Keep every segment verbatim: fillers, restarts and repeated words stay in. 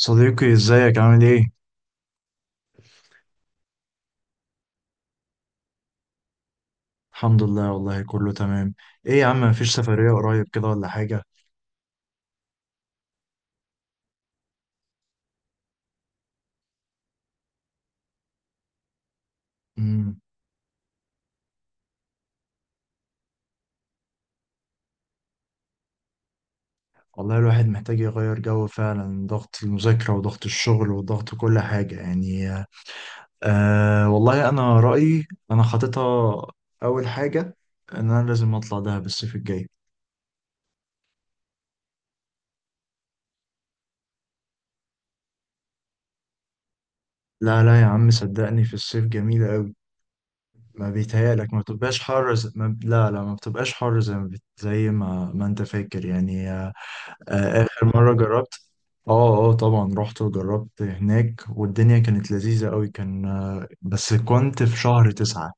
صديقي ازيك عامل ايه؟ الحمد لله والله كله تمام. ايه يا عم مفيش سفرية قريب كده ولا حاجة؟ امم والله الواحد محتاج يغير جو فعلا، ضغط المذاكرة وضغط الشغل وضغط كل حاجة يعني. آه والله انا رأيي، انا حاططها اول حاجة ان انا لازم اطلع دهب الصيف الجاي. لا لا يا عم، صدقني في الصيف جميلة قوي. ما بيتهيألك، ما بتبقاش حر زي... ما... لا لا، ما بتبقاش حر زي ما بت... زي ما... ما انت فاكر يعني آه، آه، آخر مرة جربت، اه اه طبعا رحت وجربت هناك، والدنيا كانت لذيذة قوي، كان آه، بس كنت في شهر تسعة.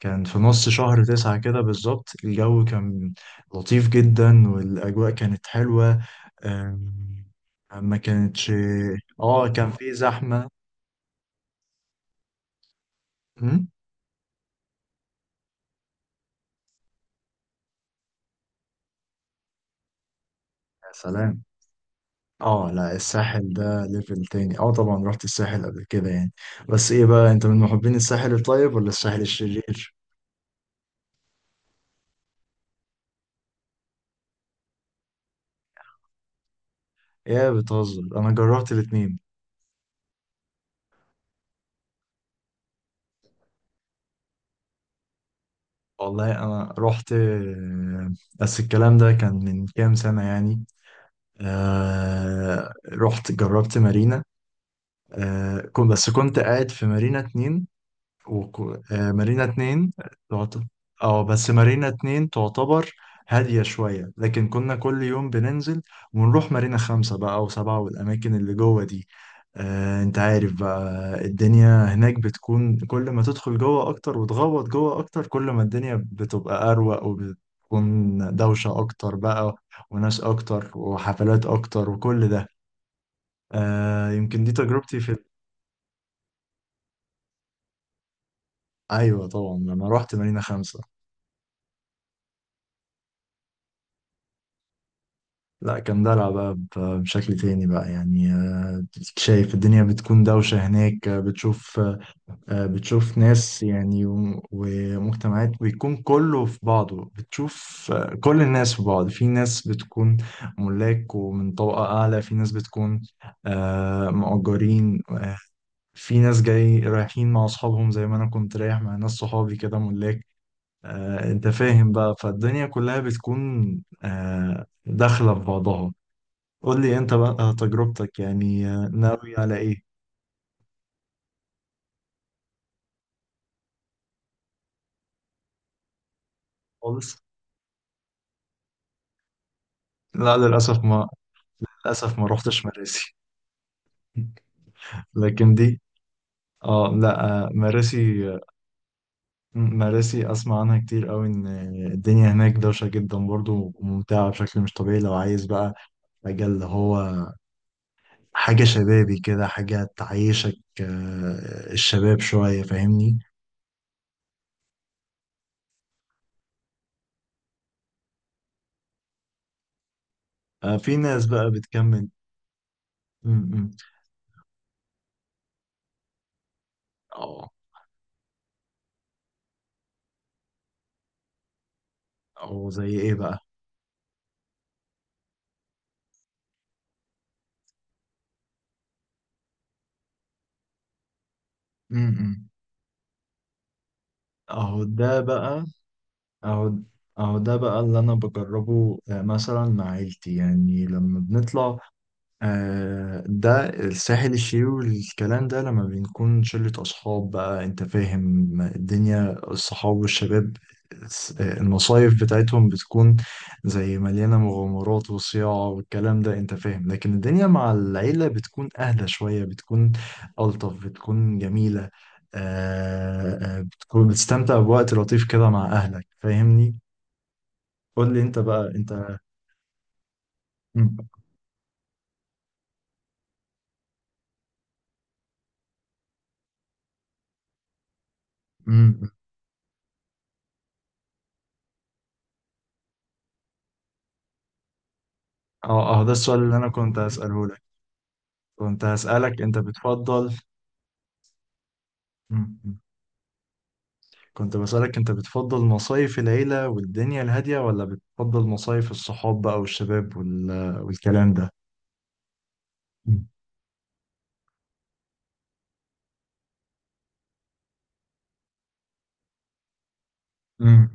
كان في نص شهر تسعة كده بالظبط، الجو كان لطيف جدا والأجواء كانت حلوة. آم، ما كانتش. اه كان في زحمة. أمم. يا سلام. اه لا، الساحل ده ليفل تاني. اه طبعا رحت الساحل قبل كده يعني. بس ايه بقى، انت من محبين الساحل الطيب ولا الساحل الشرير؟ يا بتهزر انا جربت الاتنين. والله انا رحت آه، بس الكلام ده كان من كام سنة يعني. آه رحت جربت مارينا. آه كنت بس كنت قاعد في مارينا اتنين. وكو... آه مارينا اتنين. تعت- اه بس مارينا اتنين تعتبر هادية شوية، لكن كنا كل يوم بننزل ونروح مارينا خمسة بقى أو سبعة، والأماكن اللي جوه دي. آه انت عارف بقى، الدنيا هناك بتكون كل ما تدخل جوه أكتر وتغوط جوه أكتر، كل ما الدنيا بتبقى أروق، وبتكون دوشة أكتر بقى وناس أكتر وحفلات أكتر وكل ده. آه يمكن دي تجربتي في. أيوة طبعا لما روحت مارينا خمسة، لا كان دلع بقى ب- بشكل تاني بقى يعني آه، شايف الدنيا بتكون دوشة هناك آه، بتشوف آه، آه، بتشوف ناس يعني و- ومجتمعات بيكون كله في بعضه، بتشوف آه، كل الناس في بعض. في ناس بتكون ملاك ومن طبقة أعلى، في ناس بتكون آه، مؤجرين آه، في ناس جاي رايحين مع أصحابهم زي ما أنا كنت رايح مع ناس صحابي كده، ملاك آه، أنت فاهم بقى، فالدنيا كلها بتكون آه، داخلة في بعضها. قول لي انت بقى تجربتك يعني، ناوي على ايه. خالص. لا للاسف ما للاسف ما روحتش مراسي. لكن دي، اه لا، آه، مراسي. مراسي اسمع عنها كتير قوي، ان الدنيا هناك دوشه جدا برضو، وممتعه بشكل مش طبيعي، لو عايز بقى مجال اللي هو حاجه شبابي كده، حاجه تعيشك آه، الشباب شويه، فاهمني. آه، في ناس بقى بتكمل. م- م. اه او زي ايه بقى. م- م. اهو ده بقى أهو أهو ده بقى اللي أنا بجربه آه، مثلا مع عيلتي يعني لما بنطلع آه، ده الساحل الشرير والكلام ده. لما بنكون شلة أصحاب بقى، أنت فاهم، الدنيا الصحاب والشباب، الس- آه، المصايف بتاعتهم بتكون زي مليانة مغامرات وصياعة والكلام ده، أنت فاهم. لكن الدنيا مع العيلة بتكون أهدى شوية، بتكون ألطف، بتكون جميلة آه، آه، بتكون بتستمتع بوقت لطيف كده مع أهلك، فاهمني. قول لي أنت بقى أنت مم. مم. اه آه، ده السؤال اللي أنا كنت هسأله لك. كنت هسألك أنت بتفضل. مم. كنت بسألك أنت بتفضل مصايف العيلة والدنيا الهادية، ولا بتفضل مصايف الصحاب بقى والشباب وال... والكلام ده؟ مم. امم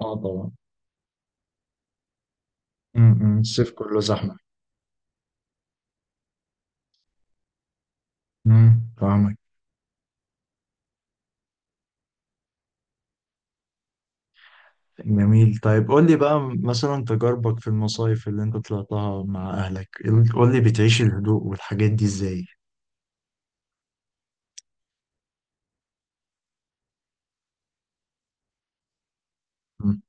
اه طبعا. امم الصيف كله زحمة. امم فاهمك. جميل، طيب قول لي بقى مثلا تجاربك في المصايف اللي انت طلعتها مع اهلك. قول لي بتعيش الهدوء والحاجات دي ازاي. مم.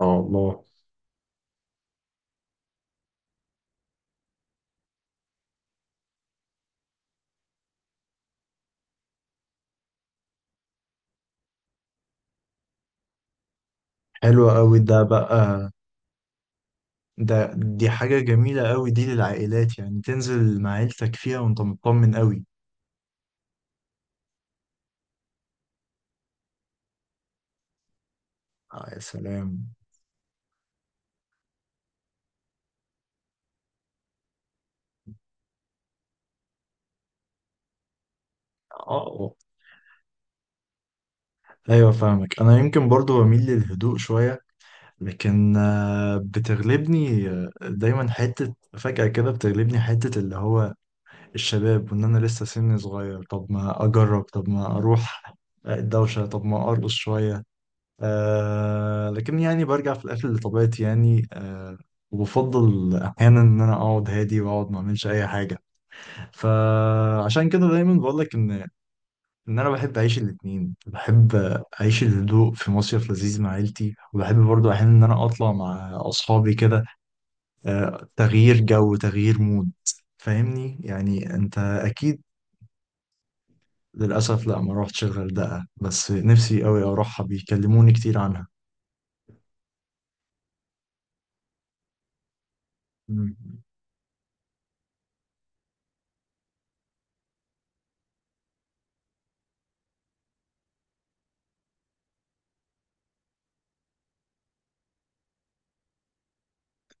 اه الله. حلو قوي ده بقى. ده دي حاجة جميلة قوي، دي للعائلات يعني، تنزل مع عيلتك فيها وانت مطمن قوي. آه يا سلام. اه ايوه فاهمك، انا يمكن برضو بميل للهدوء شوية. لكن آه، بتغلبني آه، دايما حتة فجأة كده، بتغلبني حتة اللي هو الشباب، وان انا لسه سني صغير، طب ما اجرب، طب ما اروح الدوشة، طب ما ارقص شوية. آه لكن يعني برجع في الآخر لطبيعتي يعني آه وبفضل أحيانا إن أنا أقعد هادي، وأقعد ما أعملش أي حاجة. فعشان كده دايما بقول لك إن، إن أنا بحب أعيش الاتنين. بحب أعيش الهدوء في مصيف لذيذ مع عيلتي، وبحب برضو أحيانا إن أنا أطلع مع أصحابي كده. آه تغيير جو، تغيير مود. فاهمني يعني، أنت أكيد. للأسف لا، ما روحتش الغردقة، بس نفسي أوي أروحها، بيكلموني كتير عنها. مم.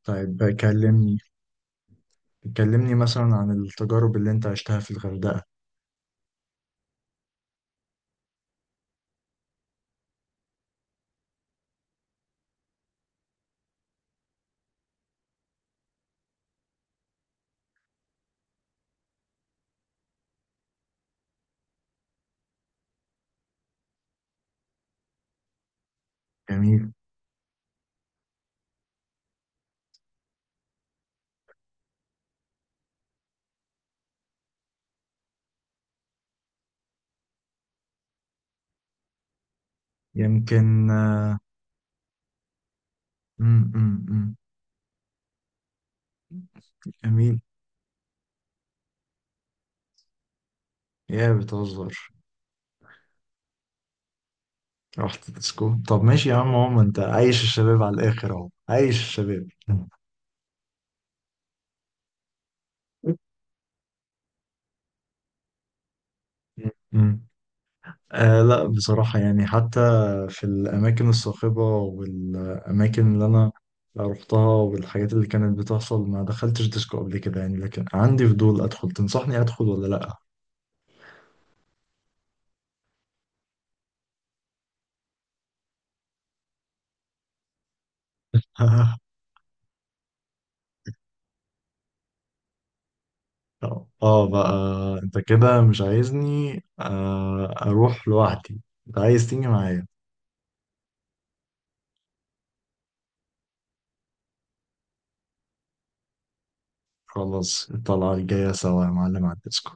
طيب كلمني، كلمني مثلا عن التجارب اللي انت عشتها في الغردقة. جميل. يمكن آه، مم، مم، مم. جميل. يا بتهزر. رحت ديسكو؟ طب ماشي يا عم، هو ما انت عايش الشباب على الاخر، اهو عايش الشباب. مم. مم. آه لا بصراحة يعني، حتى في الأماكن الصاخبة والأماكن اللي أنا رحتها والحاجات اللي كانت بتحصل، ما دخلتش ديسكو قبل كده يعني، لكن عندي فضول أدخل. تنصحني أدخل ولا لأ؟ اه آه بقى، انت كده مش عايزني آه، اروح لوحدي، انت عايز تيجي معايا. خلاص الطلعة الجاية سوا يا معلم على الديسكو.